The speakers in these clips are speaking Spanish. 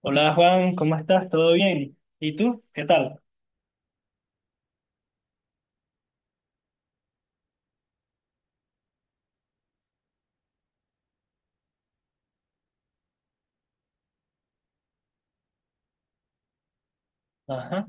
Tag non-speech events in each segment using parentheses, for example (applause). Hola Juan, ¿cómo estás? ¿Todo bien? ¿Y tú? ¿Qué tal? Ajá. Ah,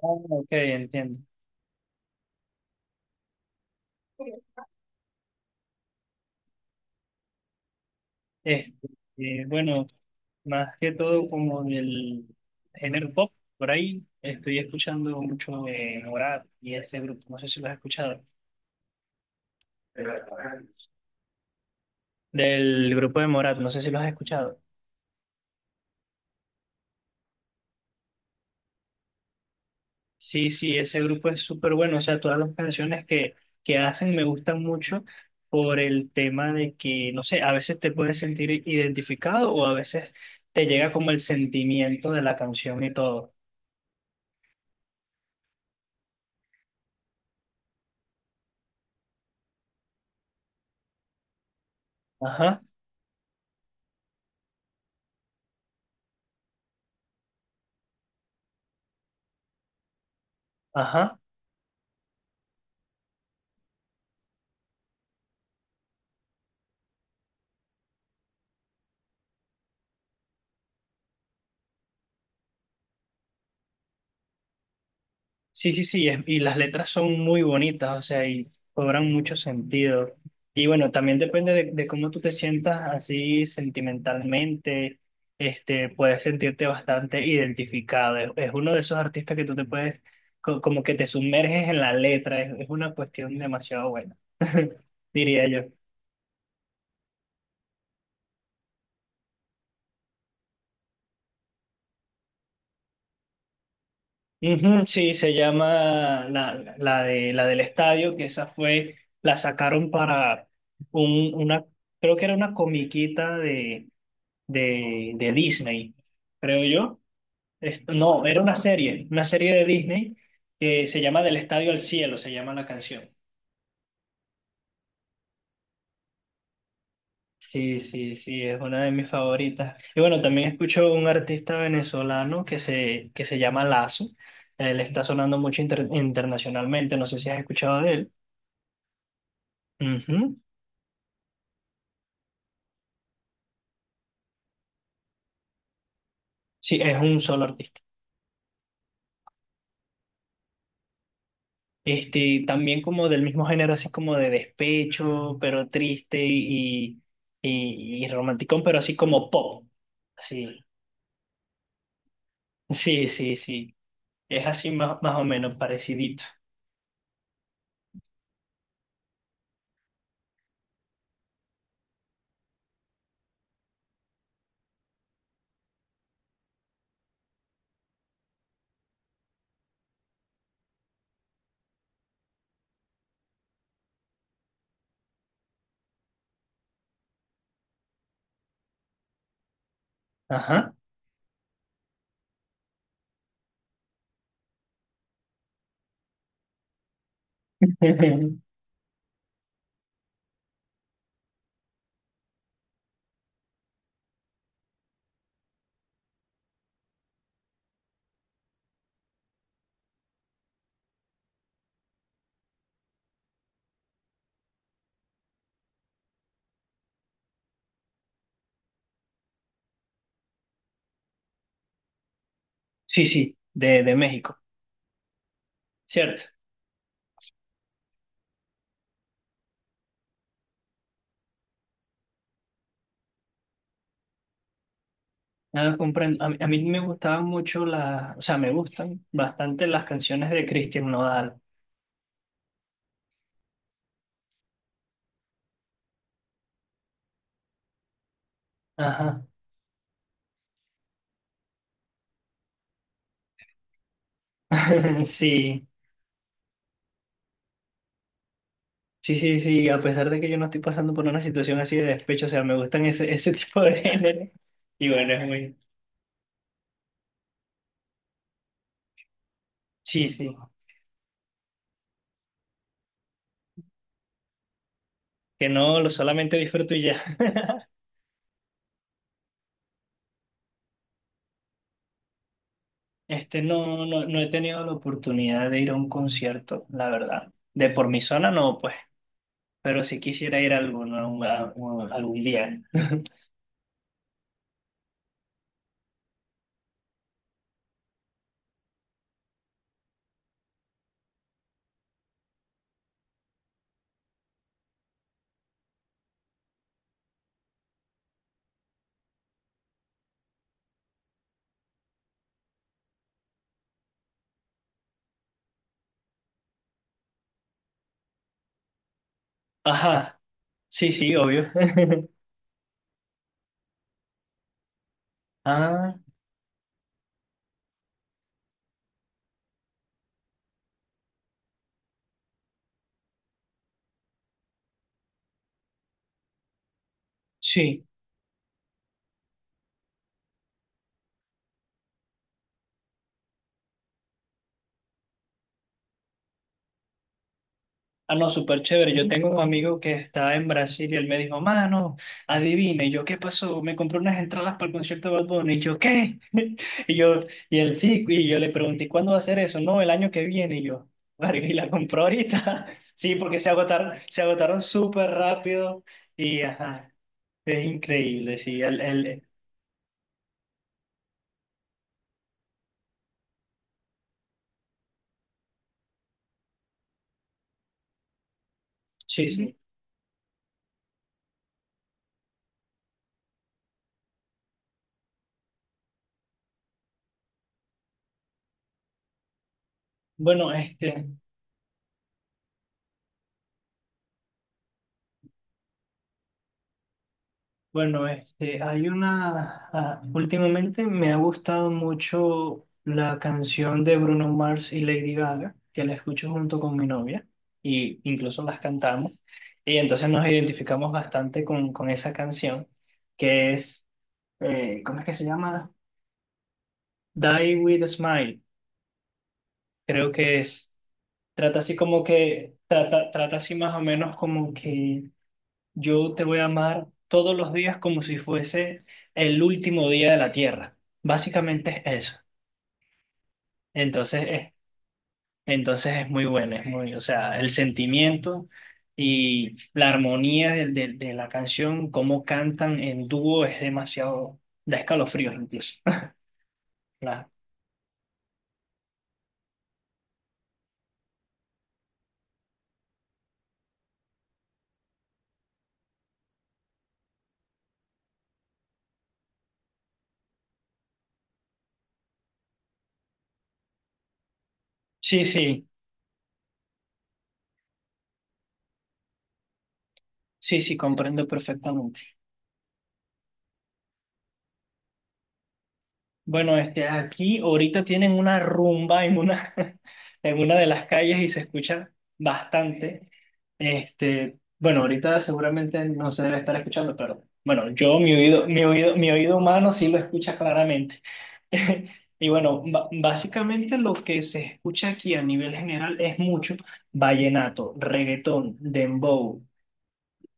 ok, entiendo. Este, bueno, más que todo como del género pop, por ahí estoy escuchando mucho Morat y ese grupo, no sé si lo has escuchado. Del grupo de Morat, no sé si lo has escuchado. Sí, sí, ese grupo es súper bueno. O sea, todas las canciones que hacen me gustan mucho por el tema de que, no sé, a veces te puedes sentir identificado o a veces te llega como el sentimiento de la canción y todo. Ajá, ajá. Sí, sí, sí, y las letras son muy bonitas, o sea, y cobran mucho sentido. Y bueno, también depende de cómo tú te sientas así sentimentalmente, este, puedes sentirte bastante identificado. Es uno de esos artistas que tú te puedes, como que te sumerges en la letra, es una cuestión demasiado buena, (laughs) diría yo. Ujú, sí, se llama la del estadio, que esa fue, la sacaron para una, creo que era una comiquita de Disney, creo yo. No, era una serie de Disney que se llama Del Estadio al Cielo, se llama la canción. Sí, sí, sí, es una de mis favoritas. Y bueno, también escucho un artista venezolano que se llama Lazo. Él está sonando mucho internacionalmente, no sé si has escuchado de él. Ujú. Sí, es un solo artista. Este, también como del mismo género, así como de despecho, pero triste y romanticón, pero así como pop. Sí, (laughs) sí, sí, sí. Es así más, más o menos parecidito. Ajá. (laughs) Sí, sí, de México, ¿cierto? No, comprendo. A mí me gustaban mucho las, o sea, me gustan bastante las canciones de Christian Nodal. Ajá. (laughs) Sí, sí, sí, sí. A pesar de que yo no estoy pasando por una situación así de despecho, o sea, me gustan ese, (laughs) ese tipo de género. Y bueno, es muy. Sí, sí. Que no, lo solamente disfruto y ya. (laughs) Este, no he tenido la oportunidad de ir a un concierto, la verdad. De por mi zona no, pues. Pero sí quisiera ir a alguno, algún día. Ajá. Sí, sí, obvio. (laughs) Ah, sí. Ah, no, súper chévere. Yo tengo un Listo. Amigo que está en Brasil y él me dijo, mano, adivina. Y yo, ¿qué pasó? Me compré unas entradas para el concierto de Bad Bunny. Y yo, ¿qué? (laughs) Y yo, y él sí. Y yo le pregunté, ¿y cuándo va a ser eso? No, el año que viene. Y yo, (laughs) verga, ¿y la compró ahorita? (laughs) Sí, porque se agotaron súper rápido. Y ajá, es increíble, sí. Sí, sí. Bueno, este. Bueno, este, hay una, ah, últimamente me ha gustado mucho la canción de Bruno Mars y Lady Gaga, que la escucho junto con mi novia y incluso las cantamos. Y entonces nos identificamos bastante con esa canción, que es, ¿cómo es que se llama? Die with a Smile, creo que es. Trata así como que, trata así más o menos como que yo te voy a amar todos los días como si fuese el último día de la tierra. Básicamente es eso. Entonces es, entonces es muy bueno, es muy, o sea, el sentimiento y la armonía de la canción, cómo cantan en dúo es demasiado, da escalofríos incluso. (laughs) La- sí, sí, sí, sí, comprendo perfectamente. Bueno, este, aquí ahorita tienen una rumba en una, (laughs) en una de las calles y se escucha bastante. Este, bueno, ahorita seguramente no se debe estar escuchando, pero bueno, yo, mi oído humano sí lo escucha claramente. (laughs) Y bueno, básicamente lo que se escucha aquí a nivel general es mucho vallenato, reggaetón, dembow,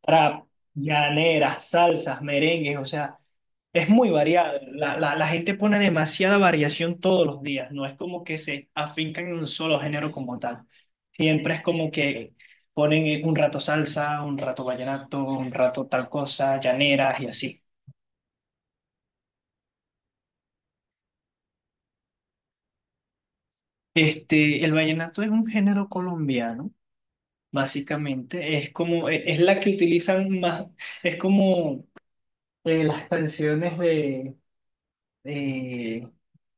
trap, llaneras, salsas, merengues, o sea, es muy variado. La gente pone demasiada variación todos los días, no es como que se afincan en un solo género como tal. Siempre es como que ponen un rato salsa, un rato vallenato, un rato tal cosa, llaneras y así. Este, el vallenato es un género colombiano, básicamente, es como, es la que utilizan más, es como las canciones eh,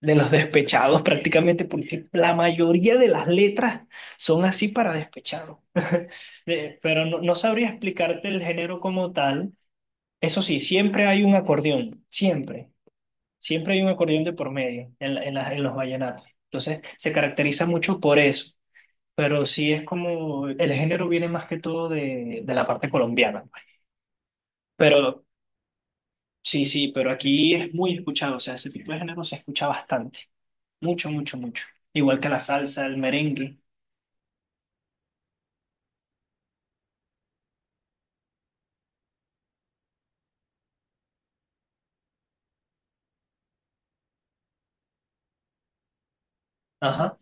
de los despechados prácticamente, porque la mayoría de las letras son así para despechados. (laughs) Pero no, no sabría explicarte el género como tal. Eso sí, siempre hay un acordeón, siempre, siempre hay un acordeón de por medio en, la- en, las- en los vallenatos. Entonces, se caracteriza mucho por eso. Pero sí es como, el género viene más que todo de la parte colombiana. Pero sí, sí, pero aquí es muy escuchado, o sea, ese tipo de género se escucha bastante. Mucho, mucho, mucho. Igual que la salsa, el merengue. Ajá.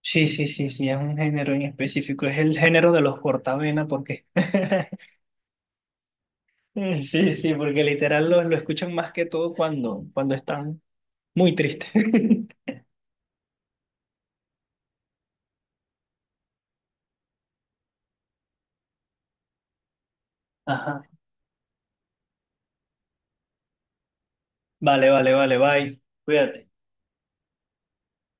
Sí, sí, sí, sí, es un género en específico. Es el género de los cortavena, porque. (laughs) Sí, sí, porque literal lo escuchan más que todo cuando están muy tristes. (laughs) Ajá. Vale, vale, vale, bye. Cuídate.